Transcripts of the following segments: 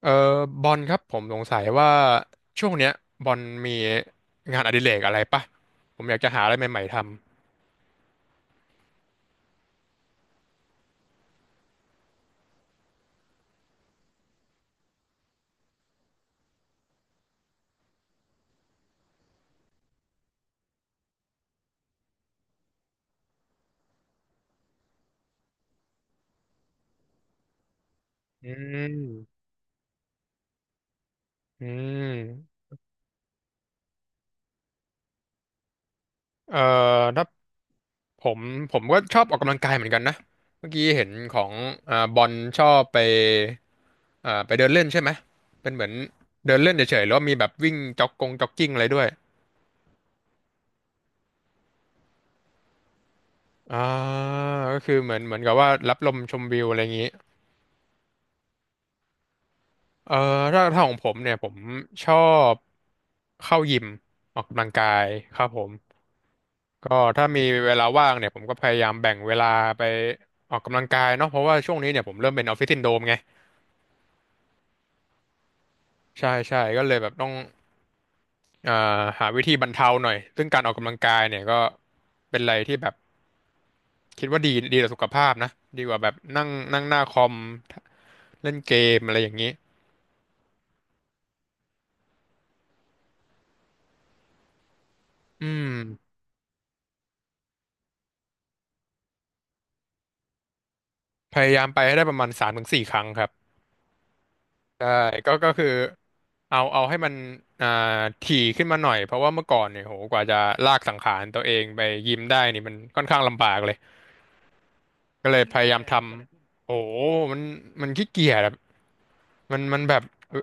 เออบอลครับผมสงสัยว่าช่วงเนี้ยบอลมีงานอดิเรกอะไรปะผมอยากจะหาอะไรใหม่ๆทำอืมอืมเอ่อถ้าผมผมก็ชอบออกกำลังกายเหมือนกันนะเมื่อกี้เห็นของบอลชอบไปไปเดินเล่นใช่ไหมเป็นเหมือนเดินเล่นเฉยๆแล้วามีแบบวิ่งจ็อกกงจ็อกกิ้งอะไรด้วยอ่าก็คือเหมือนกับว่ารับลมชมวิวอะไรอย่างนี้ เอ่อถ้าของผมเนี่ยผมชอบเข้ายิมออกกำลังกายครับผมก็ถ้ามีเวลาว่างเนี่ยผมก็พยายามแบ่งเวลาไปออกกำลังกายเนาะเพราะว่าช่วงนี้เนี่ยผมเริ่มเป็นออฟฟิศซินโดรมไงใช่ก็เลยแบบต้องเอ่อหาวิธีบรรเทาหน่อยซึ่งการออกกำลังกายเนี่ยก็เป็นอะไรที่แบบคิดว่าดีดีต่อสุขภาพนะดีกว่าแบบนั่งนั่งหน้าคอมเล่นเกมอะไรอย่างนี้อืมพยายามไปให้ได้ประมาณสามถึงสี่ครั้งครับ ใช่ก็คือเอาให้มันอ่าถี่ขึ้นมาหน่อยเพราะว่าเมื่อก่อนเนี่ยโหกว่าจะลากสังขารตัวเองไปยิมได้นี่มันค่อนข้างลำบากเลยก็เลยพยายามมทำโอ้โหมันมันขี้เกียจอะ มันมันแบบเอ่อ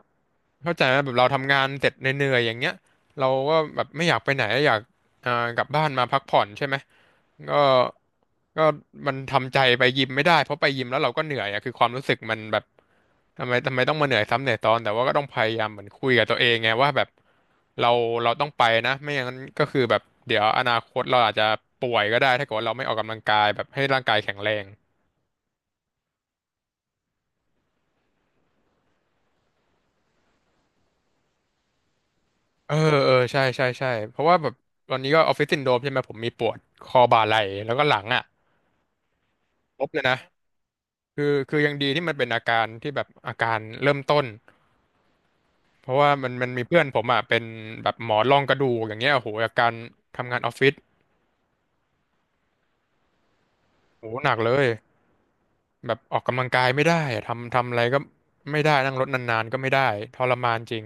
เข้าใจไหมแบบเราทำงานเสร็จเหนื่อยๆอย่างเงี้ยเราก็แบบไม่อยากไปไหนอยากกลับบ้านมาพักผ่อนใช่ไหมก็ก็มันทำใจไปยิมไม่ได้เพราะไปยิมแล้วเราก็เหนื่อยอะคือความรู้สึกมันแบบทำไมต้องมาเหนื่อยซ้ำเหนื่อยซ้อนแต่ว่าก็ต้องพยายามเหมือนคุยกับตัวเองไงว่าแบบเราเราต้องไปนะไม่อย่างนั้นก็คือแบบเดี๋ยวอนาคตเราอาจจะป่วยก็ได้ถ้าเกิดว่าเราไม่ออกกำลังกายแบบให้ร่างกายแข็งแรง เออเออใช่ใช่ใช่เพราะว่าแบบตอนนี้ก็ออฟฟิศซินโดรมใช่ไหมผมมีปวดคอบ่าไหล่แล้วก็หลังอ่ะครบเลยนะคือยังดีที่มันเป็นอาการที่แบบอาการเริ่มต้นเพราะว่ามันมีเพื่อนผมอ่ะเป็นแบบหมอรองกระดูกอย่างเงี้ยโอ้โหอาการทำงานออฟฟิศโอ้โหหนักเลยแบบออกกำลังกายไม่ได้อะทำอะไรก็ไม่ได้นั่งรถนานๆก็ไม่ได้ทรมานจริง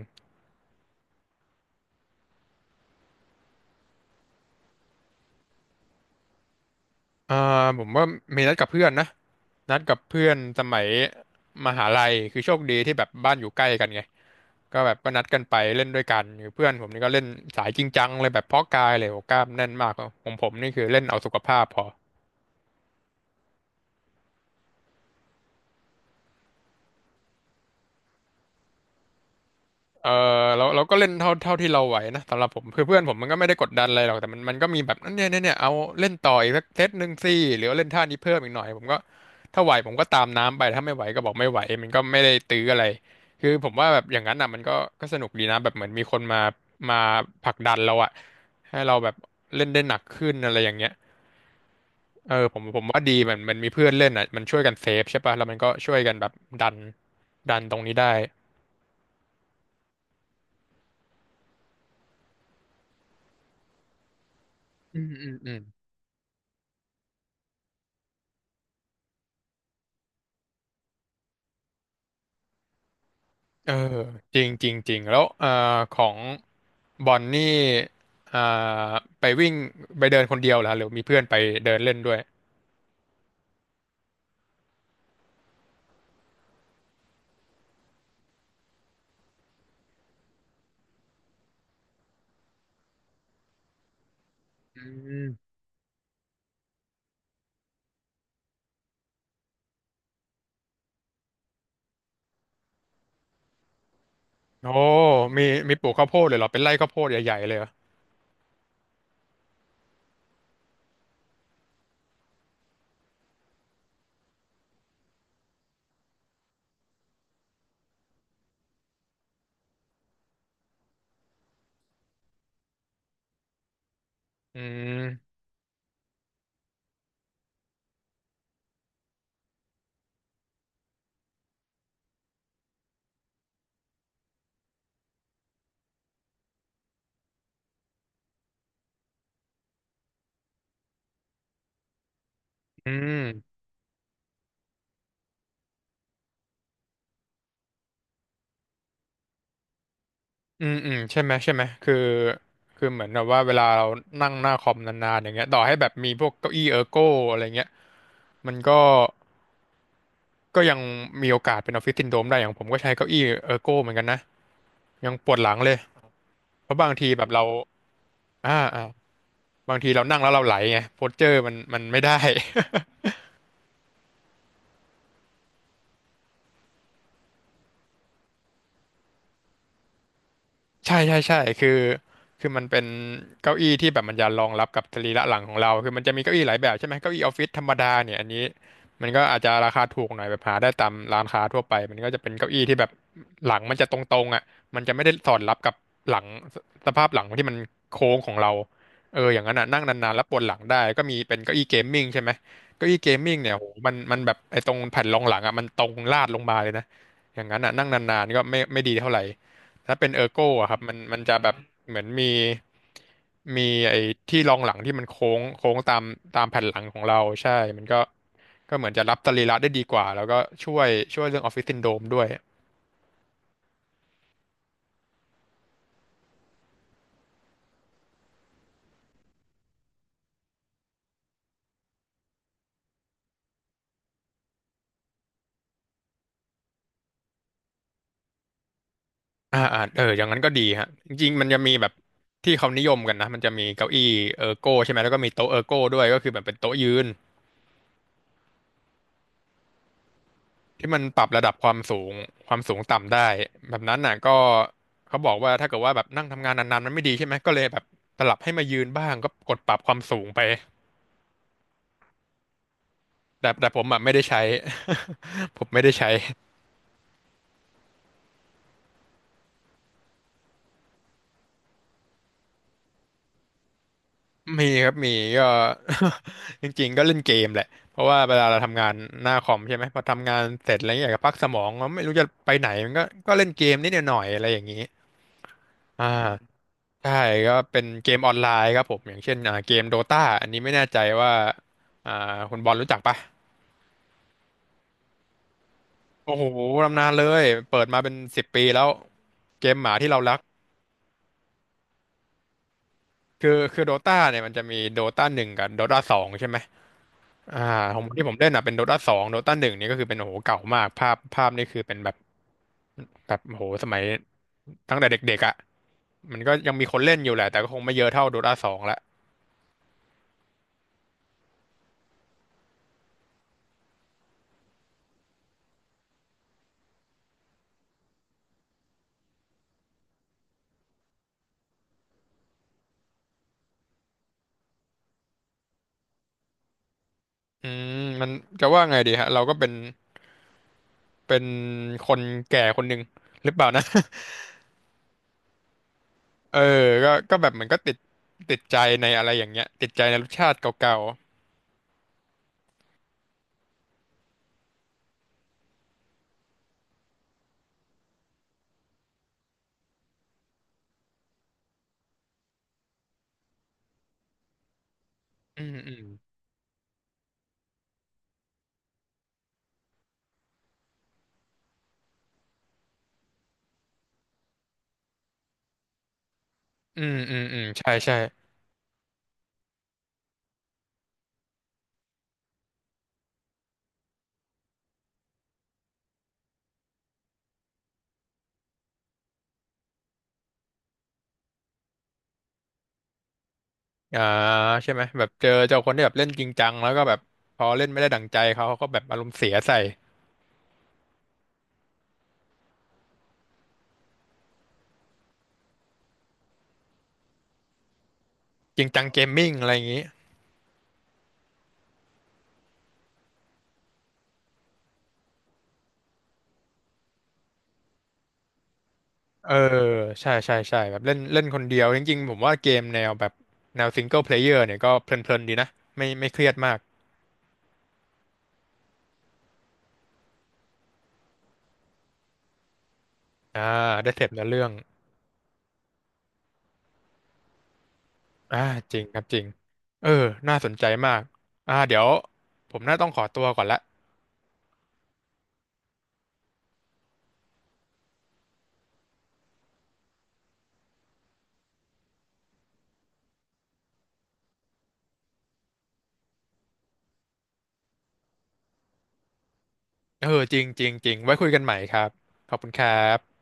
อ่าผมว่ามีนัดกับเพื่อนนะนัดกับเพื่อนสมัยมหาลัยคือโชคดีที่แบบบ้านอยู่ใกล้กันไงก็แบบก็นัดกันไปเล่นด้วยกันคือเพื่อนผมนี่ก็เล่นสายจริงจังเลยแบบเพาะกายเลยโอ้กล้ามแน่นมากของผมนี่คือเล่นเอาสุขภาพพอ เออเราก็เล่นเท่าที่เราไหวนะสำหรับผมคือเพื่อนผมมันก็ไม่ได้กดดันอะไรหรอกแต่มันมันก็มีแบบเนี่ยเอาเล่นต่ออีกสักเซตหนึ่งสิหรือว่าเล่นท่านี้เพิ่มอีกหน่อยผมก็ถ้าไหวผมก็ตามน้ำไปถ้าไม่ไหวก็บอกไม่ไหวมันก็ไม่ได้ตื้ออะไรคือผมว่าแบบอย่างนั้นอ่ะมันก็ก็สนุกดีนะแบบเหมือนมีคนมาผลักดันเราอะให้เราแบบเล่นได้หนักขึ้นอะไรอย่างเงี้ยเออผมว่าดีมันมันมีเพื่อนเล่นอ่ะมันช่วยกันเซฟใช่ป่ะแล้วมันก็ช่วยกันแบบดันดันตรงนี้ได้อืมอืมอืม เออจริงจริงจริงแล้วของบอลนี่อ่าไปวิ่งไปเดินคนเดียวเหรอหรือมีเพื่อนไปเดินเล่นด้วยอืมโอ้มีมีปลูกข้าวโพดเลยเหรอเป็นไร่ข้าวโพดใหญ่ๆเลยเหรออืมอืมอืมอืมใช่ไหมคือเหมือนแบบว่าเวลาเรานั่งหน้าคอมนานๆอย่างเงี้ยต่อให้แบบมีพวกเก้าอี้เออร์โก้อะไรเงี้ยมันก็ก็ยังมีโอกาสเป็นออฟฟิศซินโดรมได้อย่างผมก็ใช้เก้าอี้เออร์โก้เหมือนกันนะยังปวดหลังเลยเพราะบางทีแบบเราอ่า บางทีเรานั่งแล้วเราไหลไงโพสเจอร์มันมันไม่ได้ ใช่ใช่ใช่คือมันเป็นเก้าอี้ที่แบบมันจะรองรับกับสรีระหลังของเราคือมันจะมีเก้าอี้หลายแบบใช่ไหมเก้าอี้ออฟฟิศธรรมดาเนี่ยอันนี้มันก็อาจจะราคาถูกหน่อยแบบหาได้ตามร้านค้าทั่วไปมันก็จะเป็นเก้าอี้ที่แบบหลังมันจะตรงๆอ่ะมันจะไม่ได้สอดรับกับหลังสสภาพหลังที่มันโค้งของเราเอออย่างนั้นอ่ะนั่งนานๆแล้วปวดหลังได้ก็มีเป็นเก้าอี้เกมมิ่งใช่ไหมเก้าอี้เกมมิ่งเนี่ยโหมันแบบไอ้ตรงแผ่นรองหลังอ่ะมันตรงลาดลงมาเลยนะอย่างนั้นอ่ะนั่งนานๆก็ไม่ดีเท่าไหร่ ถ้าเป็นเออร์โก้อะครับมันจะแบบเหมือนมีไอ้ที่รองหลังที่มันโค้งโค้งตามแผ่นหลังของเราใช่มันก็เหมือนจะรับสรีระได้ดีกว่าแล้วก็ช่วยช่วยเรื่องออฟฟิศซินโดรมด้วยอ่าอ่าเอออย่างนั้นก็ดีฮะจริงๆมันจะมีแบบที่เขานิยมกันนะมันจะมีเก้าอี้เออร์โก้ใช่ไหมแล้วก็มีโต๊ะเออร์โก้ด้วยก็คือแบบเป็นโต๊ะยืน ที่มันปรับระดับความสูงความสูงต่ำได้แบบนั้นน่ะก็เขาบอกว่าถ้าเกิดว่าแบบนั่งทำงานนานๆมันไม่ดีใช่ไหมก็เลยแบบสลับให้มายืนบ้างก็กดปรับความสูงไปแต่ผมแบบไม่ได้ใช้ ผมไม่ได้ใช้มีครับมีก็ จริงๆก็เล่นเกมแหละเพราะว่าเวลาเราทำงานหน้าคอมใช่ไหมพอทำงานเสร็จอะไรอย่างเงี้ยอยากจะพักสมองมันไม่รู้จะไปไหนมันก็เล่นเกมนิดหน่อยอะไรอย่างนี้อ่า ใช่ก็เป็นเกมออนไลน์ครับผมอย่างเช่นเกมโดตาอันนี้ไม่แน่ใจว่าอ่าคุณบอลรู้จักปะโอ้โหตำนานเลยเปิดมาเป็นสิบปีแล้วเกมหมาที่เรารักคือโดตาเนี่ยมันจะมีโดตาหนึ่งกับโดตาสองใช่ไหมอ่าของที่ผมเล่นอ่ะเป็นโดตาสองโดตาหนึ่งนี่ก็คือเป็นโอ้โหเก่ามากภาพนี่คือเป็นแบบแบบโอ้โหสมัยตั้งแต่เด็กๆอ่ะมันก็ยังมีคนเล่นอยู่แหละแต่ก็คงไม่เยอะเท่าโดตาสองละอืมมันจะว่าไงดีฮะเราก็เป็น เป็นคนแก่คนหนึ่งหรือเปล่านะ เออก็แบบเหมือนก็ติดติดใจในอะไรอย่างเงี้ยติดใจในรสชาติเก่าๆอืมอืมอืมอืมอืมใช่ใช่อ่าใช่ไหมแบบเจอเจ้าคนที่แบบเล่นจริงจังแล้วก็แบบพอเล่นไม่ได้ดั่งใจเขาเขาก็แบบอารมณ์เสียใส่จริงจังเกมมิ่งอะไรอย่างงี้เออใช่ใช่ใช่แบบเล่นเล่นคนเดียวจริงๆผมว่าเกมแนวแบบแนวซิงเกิลเพลเยอร์เนี่ยก็เพลินๆดีนะไม่เครียดมากอ่าได้เสพเนื้อเรื่อง อ่าจริงครับจริงเออน่าสนใจมากอ่าเดี๋ยวผมน่าต้องขอตัวก่อนละเออจริงจริงจริงไว้คุยกันใหม่ครับขอบคุณครับ